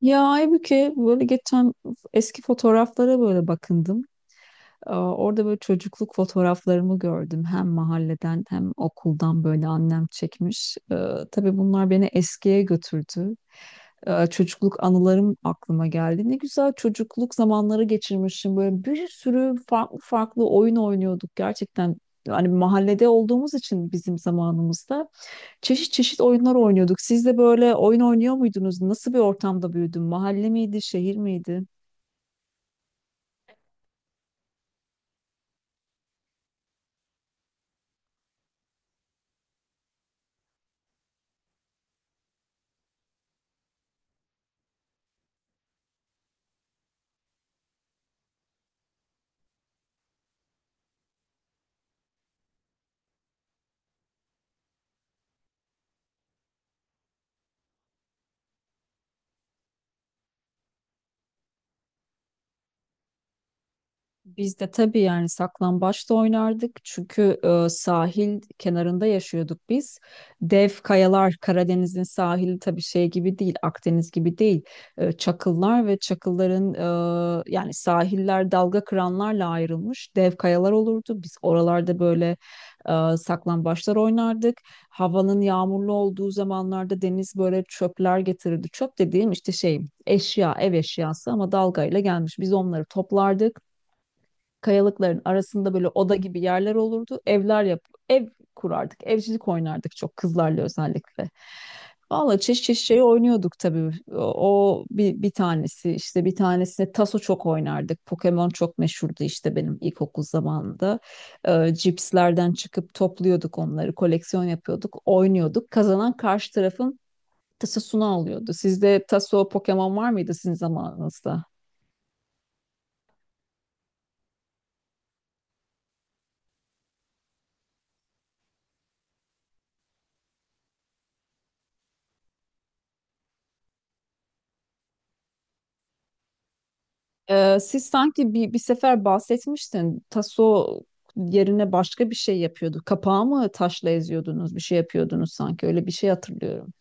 Ya halbuki böyle geçen eski fotoğraflara böyle bakındım. Orada böyle çocukluk fotoğraflarımı gördüm. Hem mahalleden hem okuldan böyle annem çekmiş. Tabii bunlar beni eskiye götürdü. Çocukluk anılarım aklıma geldi. Ne güzel çocukluk zamanları geçirmişim. Böyle bir sürü farklı farklı oyun oynuyorduk. Gerçekten hani mahallede olduğumuz için bizim zamanımızda. Çeşit çeşit oyunlar oynuyorduk. Siz de böyle oyun oynuyor muydunuz? Nasıl bir ortamda büyüdün? Mahalle miydi, şehir miydi? Biz de tabii yani saklambaçta oynardık çünkü sahil kenarında yaşıyorduk biz. Dev kayalar Karadeniz'in sahili tabii şey gibi değil, Akdeniz gibi değil. Çakıllar ve çakılların yani sahiller dalga kıranlarla ayrılmış dev kayalar olurdu. Biz oralarda böyle saklambaçlar oynardık. Havanın yağmurlu olduğu zamanlarda deniz böyle çöpler getirirdi. Çöp dediğim işte şey eşya, ev eşyası ama dalgayla gelmiş. Biz onları toplardık kayalıkların arasında böyle oda gibi yerler olurdu. Evler yap Ev kurardık. Evcilik oynardık çok kızlarla özellikle. Valla çeşit çeşit şey oynuyorduk tabii. O bir tanesi işte bir tanesine taso çok oynardık. Pokemon çok meşhurdu işte benim ilkokul zamanında. Cipslerden çıkıp topluyorduk onları, koleksiyon yapıyorduk, oynuyorduk. Kazanan karşı tarafın tasosunu alıyordu. Sizde taso Pokemon var mıydı sizin zamanınızda? Siz sanki bir sefer bahsetmiştin. Taso yerine başka bir şey yapıyordu. Kapağı mı taşla eziyordunuz, bir şey yapıyordunuz sanki. Öyle bir şey hatırlıyorum.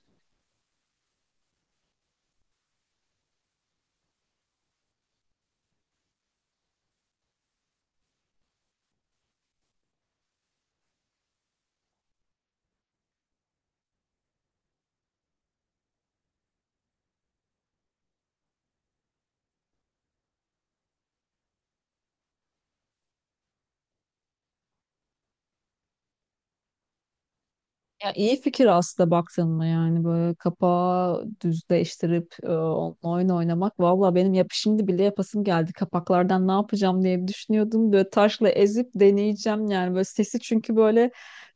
Ya iyi fikir aslında baktın mı yani böyle kapağı düzleştirip onunla oyun oynamak. Valla benim yap şimdi bile yapasım geldi. Kapaklardan ne yapacağım diye bir düşünüyordum. Böyle taşla ezip deneyeceğim yani böyle sesi çünkü böyle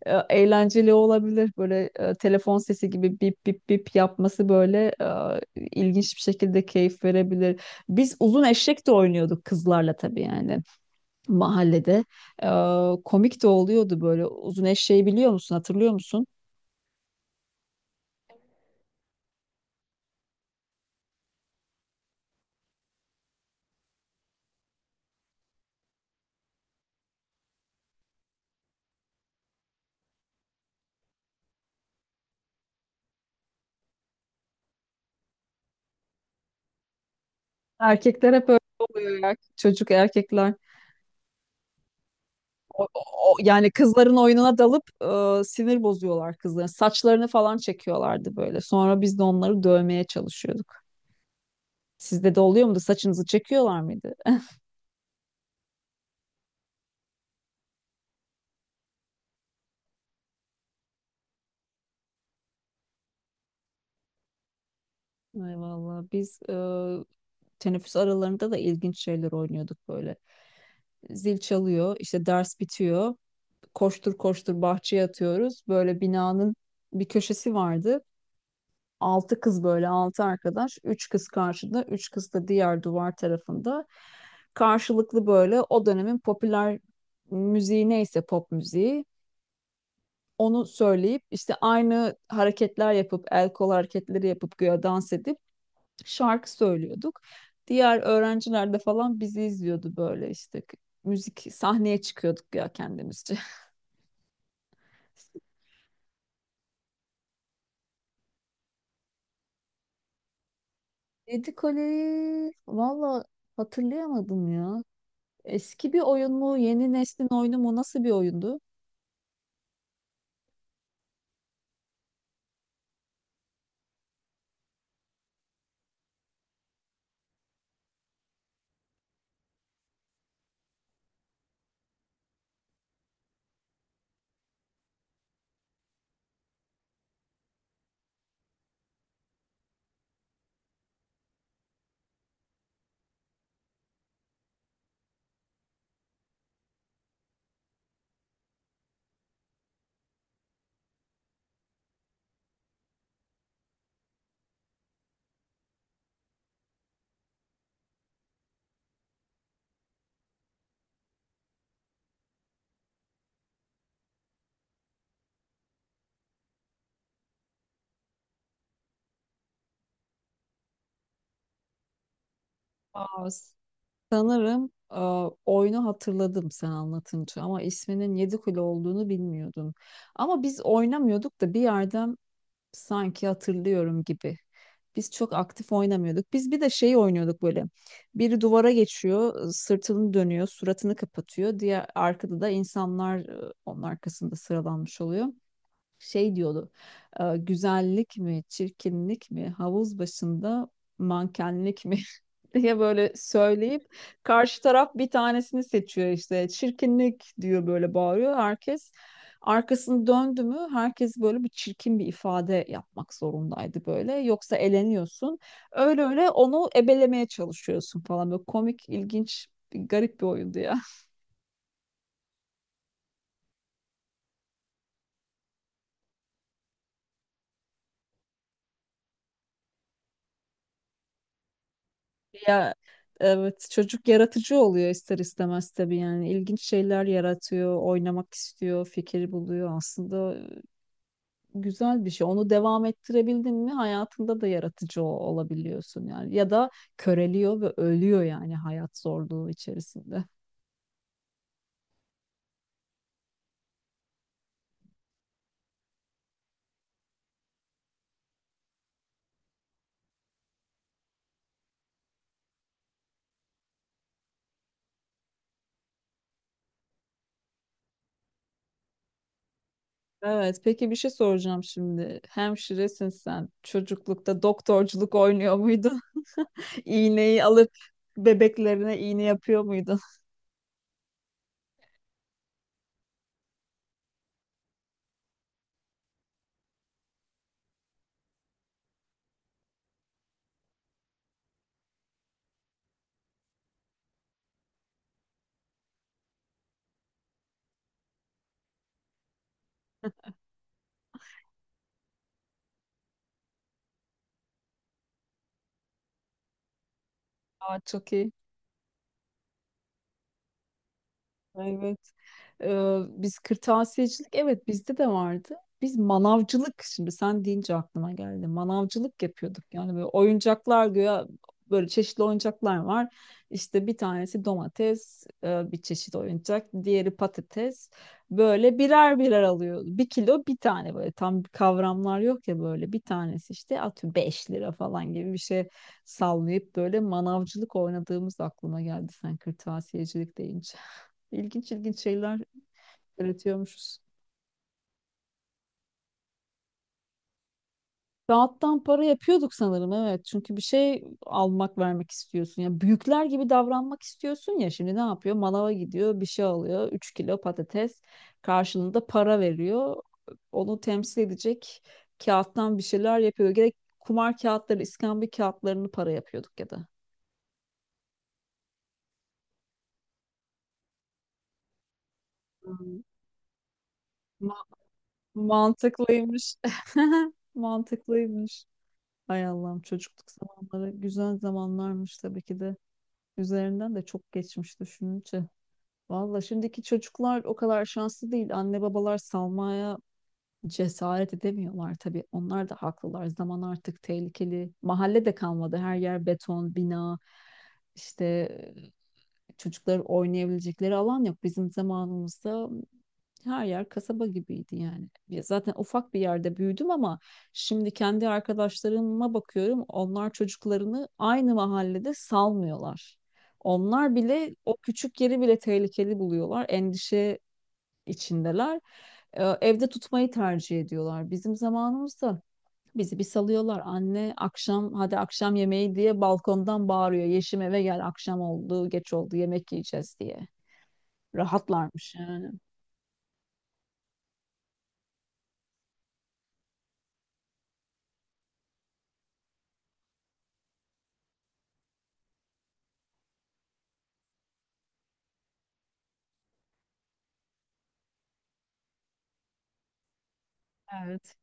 eğlenceli olabilir. Böyle telefon sesi gibi bip bip bip yapması böyle ilginç bir şekilde keyif verebilir. Biz uzun eşek de oynuyorduk kızlarla tabii yani mahallede. E, Komik de oluyordu böyle. Uzun eşeği biliyor musun? Hatırlıyor musun? Erkekler hep öyle oluyor ya. Çocuk erkekler. Yani kızların oyununa dalıp sinir bozuyorlar kızların. Saçlarını falan çekiyorlardı böyle. Sonra biz de onları dövmeye çalışıyorduk. Sizde de oluyor muydu? Saçınızı çekiyorlar mıydı? Ay vallahi biz teneffüs aralarında da ilginç şeyler oynuyorduk böyle. Zil çalıyor, işte ders bitiyor koştur koştur bahçeye atıyoruz. Böyle binanın bir köşesi vardı. Altı kız böyle altı arkadaş. Üç kız karşıda, üç kız da diğer duvar tarafında. Karşılıklı böyle o dönemin popüler müziği neyse pop müziği onu söyleyip işte aynı hareketler yapıp el kol hareketleri yapıp güya dans edip şarkı söylüyorduk. Diğer öğrenciler de falan bizi izliyordu böyle işte müzik sahneye çıkıyorduk ya kendimizce. Yedi Kule'yi valla hatırlayamadım ya. Eski bir oyun mu, yeni neslin oyunu mu, nasıl bir oyundu? Aa, Sanırım oyunu hatırladım sen anlatınca ama isminin Yedi Kule olduğunu bilmiyordum. Ama biz oynamıyorduk da bir yerden sanki hatırlıyorum gibi. Biz çok aktif oynamıyorduk. Biz bir de şey oynuyorduk böyle. Biri duvara geçiyor, sırtını dönüyor, suratını kapatıyor. Diğer arkada da insanlar onun arkasında sıralanmış oluyor. Şey diyordu. Güzellik mi, çirkinlik mi, havuz başında mankenlik mi diye böyle söyleyip karşı taraf bir tanesini seçiyor işte. Çirkinlik diyor böyle bağırıyor herkes. Arkasını döndü mü herkes böyle bir çirkin bir ifade yapmak zorundaydı böyle. Yoksa eleniyorsun. Öyle öyle onu ebelemeye çalışıyorsun falan. Böyle komik, ilginç, bir garip bir oyundu ya. Ya evet çocuk yaratıcı oluyor ister istemez tabii yani. İlginç şeyler yaratıyor, oynamak istiyor, fikir buluyor aslında. Güzel bir şey. Onu devam ettirebildin mi hayatında da yaratıcı olabiliyorsun yani. Ya da köreliyor ve ölüyor yani hayat zorluğu içerisinde. Evet, peki bir şey soracağım şimdi. Hemşiresin sen. Çocuklukta doktorculuk oynuyor muydun? İğneyi alıp bebeklerine iğne yapıyor muydun? Çok iyi. Evet. Biz kırtasiyecilik evet bizde de vardı. Biz manavcılık şimdi sen deyince aklıma geldi. Manavcılık yapıyorduk. Yani böyle oyuncaklar güya böyle çeşitli oyuncaklar var. İşte bir tanesi domates, bir çeşit oyuncak, diğeri patates. Böyle birer birer alıyor. Bir kilo bir tane böyle tam kavramlar yok ya böyle bir tanesi işte atıyorum 5 lira falan gibi bir şey sallayıp böyle manavcılık oynadığımız aklıma geldi sen kırtasiyecilik deyince. İlginç ilginç şeyler üretiyormuşuz. Kağıttan para yapıyorduk sanırım evet. Çünkü bir şey almak vermek istiyorsun. Ya büyükler gibi davranmak istiyorsun ya. Şimdi ne yapıyor? Manava gidiyor, bir şey alıyor. Üç kilo patates karşılığında para veriyor. Onu temsil edecek kağıttan bir şeyler yapıyor. Gerek kumar kağıtları, iskambil kağıtlarını para yapıyorduk ya da. Hmm. Ma- Mantıklıymış. Mantıklıymış. Hay Allah'ım çocukluk zamanları güzel zamanlarmış tabii ki de. Üzerinden de çok geçmiş düşününce. Valla şimdiki çocuklar o kadar şanslı değil. Anne babalar salmaya cesaret edemiyorlar tabii. Onlar da haklılar. Zaman artık tehlikeli. Mahalle de kalmadı. Her yer beton, bina. İşte çocuklar oynayabilecekleri alan yok. Bizim zamanımızda her yer kasaba gibiydi yani. Ya zaten ufak bir yerde büyüdüm ama şimdi kendi arkadaşlarıma bakıyorum. Onlar çocuklarını aynı mahallede salmıyorlar. Onlar bile o küçük yeri bile tehlikeli buluyorlar. Endişe içindeler. Evde tutmayı tercih ediyorlar. Bizim zamanımızda bizi bir salıyorlar. Anne akşam hadi akşam yemeği diye balkondan bağırıyor. Yeşim eve gel akşam oldu, geç oldu yemek yiyeceğiz diye. Rahatlarmış yani. Evet.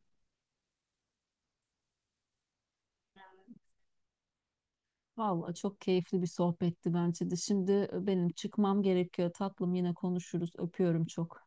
Vallahi çok keyifli bir sohbetti bence de. Şimdi benim çıkmam gerekiyor. Tatlım yine konuşuruz. Öpüyorum çok.